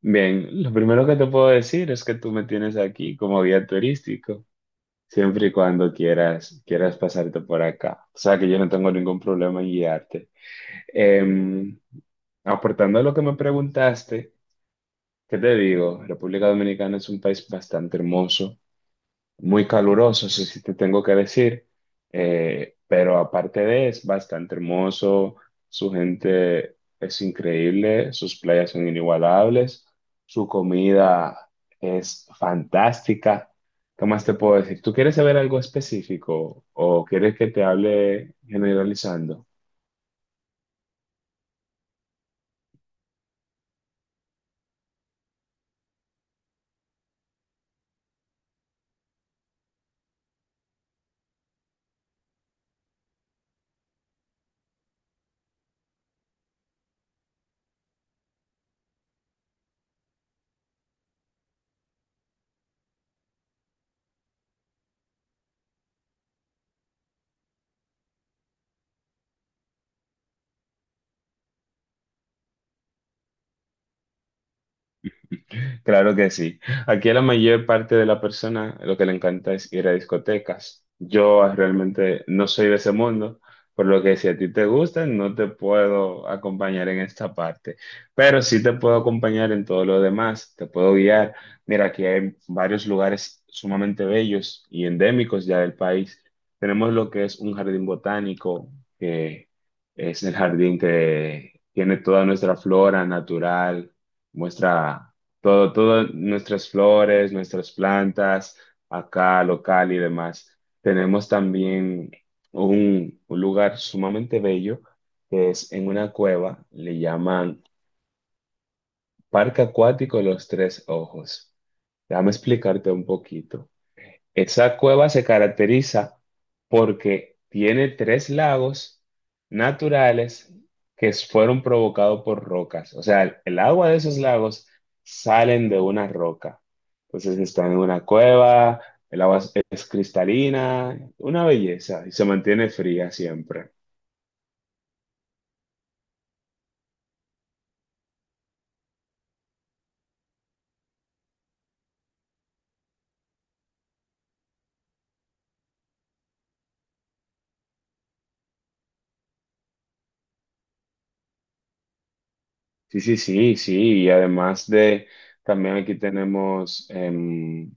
Bien, lo primero que te puedo decir es que tú me tienes aquí como guía turístico, siempre y cuando quieras pasarte por acá. O sea que yo no tengo ningún problema en guiarte. Em, Aportando a lo que me preguntaste, ¿qué te digo? República Dominicana es un país bastante hermoso, muy caluroso, eso sí te tengo que decir, pero aparte de es bastante hermoso, su gente es increíble, sus playas son inigualables, su comida es fantástica. ¿Qué más te puedo decir? ¿Tú quieres saber algo específico o quieres que te hable generalizando? Claro que sí. Aquí a la mayor parte de la persona lo que le encanta es ir a discotecas. Yo realmente no soy de ese mundo, por lo que si a ti te gusta, no te puedo acompañar en esta parte, pero sí te puedo acompañar en todo lo demás, te puedo guiar. Mira, aquí hay varios lugares sumamente bellos y endémicos ya del país. Tenemos lo que es un jardín botánico, que es el jardín que tiene toda nuestra flora natural, muestra todo, todas nuestras flores, nuestras plantas, acá local y demás. Tenemos también un lugar sumamente bello que es en una cueva, le llaman Parque Acuático Los Tres Ojos. Déjame explicarte un poquito. Esa cueva se caracteriza porque tiene tres lagos naturales que fueron provocados por rocas. O sea, el agua de esos lagos salen de una roca. Entonces están en una cueva, el agua es cristalina, una belleza y se mantiene fría siempre. Sí, sí, sí, sí. Y además de, también aquí tenemos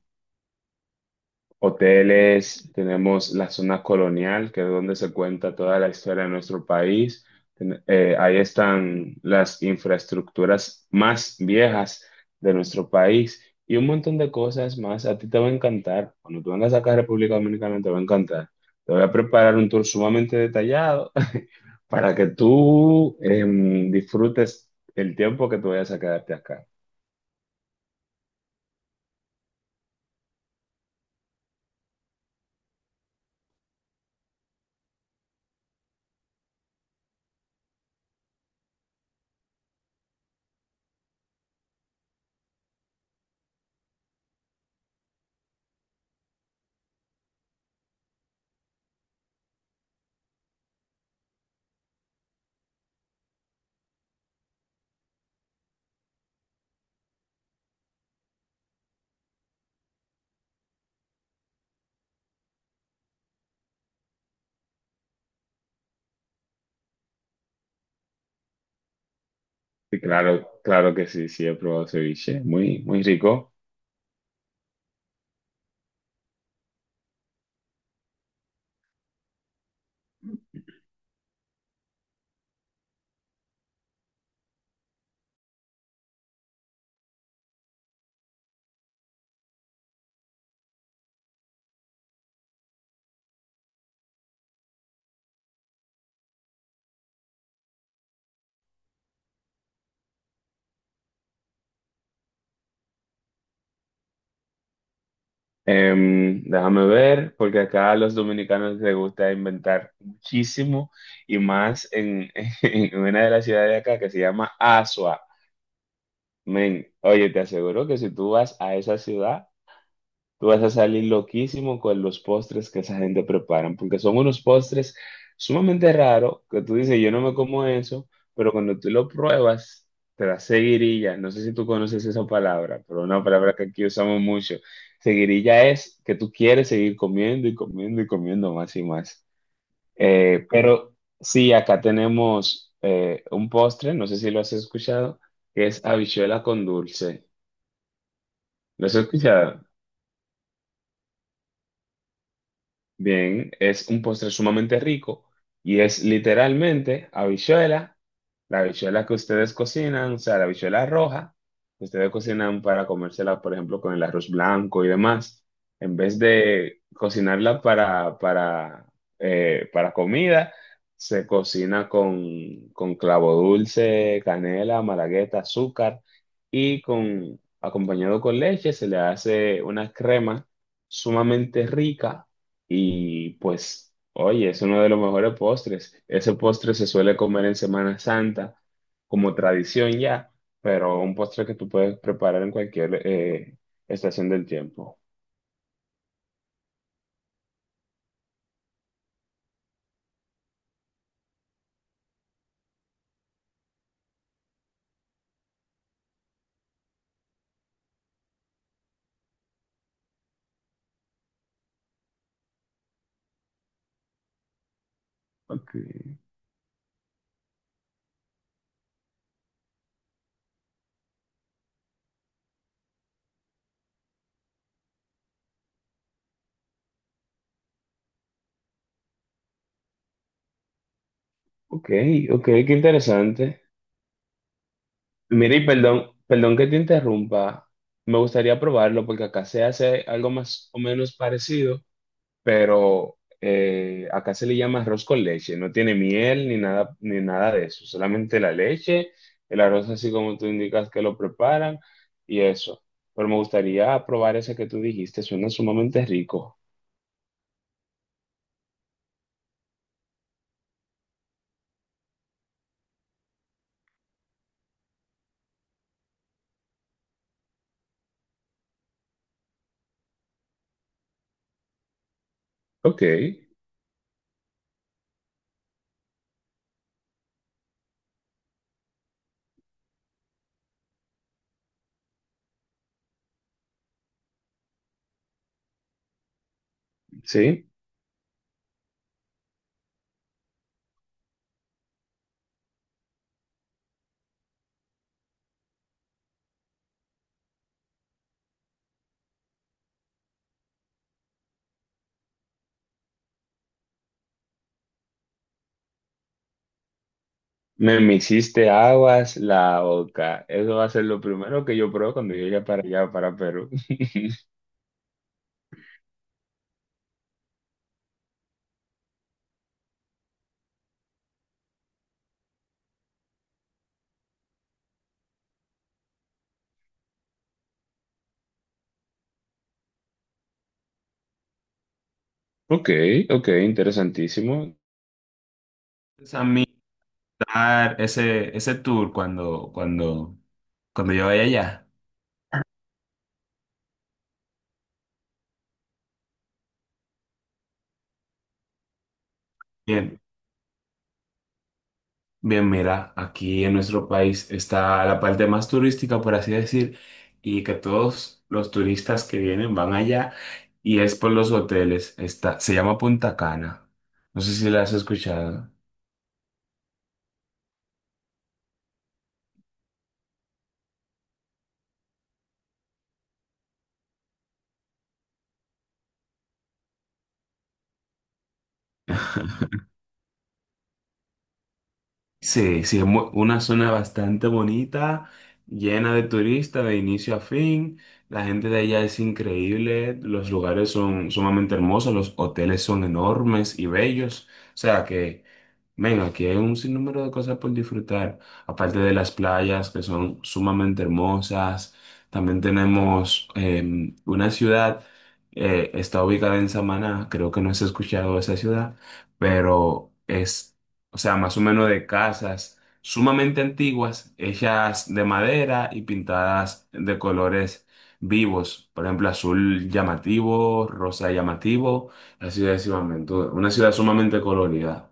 hoteles, tenemos la zona colonial, que es donde se cuenta toda la historia de nuestro país. Ahí están las infraestructuras más viejas de nuestro país y un montón de cosas más. A ti te va a encantar. Cuando tú vengas acá a República Dominicana, te va a encantar. Te voy a preparar un tour sumamente detallado para que tú disfrutes el tiempo que tú vayas a quedarte acá. Y claro, claro que sí, sí, he probado ceviche. Muy, muy rico. Déjame ver, porque acá a los dominicanos les gusta inventar muchísimo y más en una de las ciudades de acá que se llama Asua. Men, oye, te aseguro que si tú vas a esa ciudad, tú vas a salir loquísimo con los postres que esa gente prepara, porque son unos postres sumamente raros que tú dices, yo no me como eso, pero cuando tú lo pruebas, te da seguirilla. No sé si tú conoces esa palabra, pero una palabra que aquí usamos mucho. Seguirilla es que tú quieres seguir comiendo y comiendo y comiendo más y más. Pero sí, acá tenemos un postre, no sé si lo has escuchado, que es habichuela con dulce. ¿Lo has escuchado? Bien, es un postre sumamente rico y es literalmente habichuela, la habichuela que ustedes cocinan, o sea, la habichuela roja, que ustedes cocinan para comérsela, por ejemplo, con el arroz blanco y demás, en vez de cocinarla para comida, se cocina con clavo dulce, canela, malagueta, azúcar y con, acompañado con leche se le hace una crema sumamente rica y pues, oye, es uno de los mejores postres. Ese postre se suele comer en Semana Santa, como tradición ya, pero un postre que tú puedes preparar en cualquier estación del tiempo. Ok, ok, ok, qué interesante. Mira, y perdón, perdón que te interrumpa. Me gustaría probarlo porque acá se hace algo más o menos parecido, pero acá se le llama arroz con leche, no tiene miel ni nada, ni nada de eso, solamente la leche, el arroz así como tú indicas que lo preparan y eso. Pero me gustaría probar ese que tú dijiste, suena sumamente rico. Ok, sí. Me hiciste aguas la boca. Eso va a ser lo primero que yo pruebo cuando llegue para allá, para Perú. Ok, ok, interesantísimo. Pienso a mí dar ese tour cuando yo vaya allá. Bien, bien, mira, aquí en nuestro país está la parte más turística, por así decir, y que todos los turistas que vienen van allá y es por los hoteles. Está, se llama Punta Cana. No sé si la has escuchado. Sí, sí, es una zona bastante bonita, llena de turistas de inicio a fin. La gente de allá es increíble, los lugares son sumamente hermosos, los hoteles son enormes y bellos. O sea que... Ven, aquí hay un sinnúmero de cosas por disfrutar, aparte de las playas que son sumamente hermosas. También tenemos una ciudad, está ubicada en Samaná, creo que no has escuchado esa ciudad, pero es, o sea, más o menos de casas sumamente antiguas, hechas de madera y pintadas de colores vivos, por ejemplo, azul llamativo, rosa llamativo, así sucesivamente, una ciudad sumamente colorida.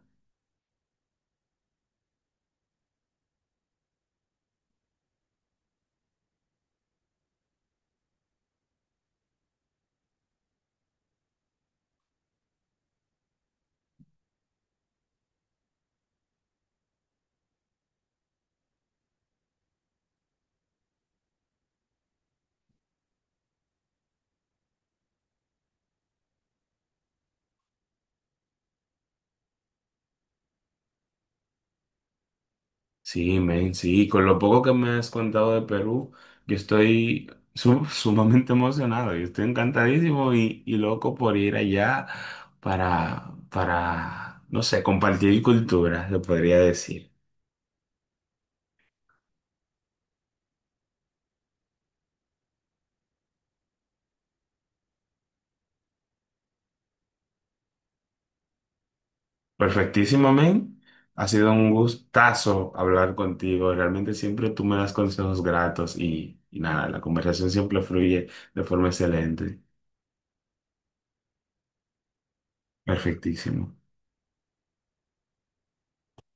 Sí, men, sí, con lo poco que me has contado de Perú, yo estoy sumamente emocionado, yo estoy encantadísimo y loco por ir allá no sé, compartir cultura, se podría decir. Perfectísimo, men, ha sido un gustazo hablar contigo, realmente siempre tú me das consejos gratos y nada, la conversación siempre fluye de forma excelente, perfectísimo.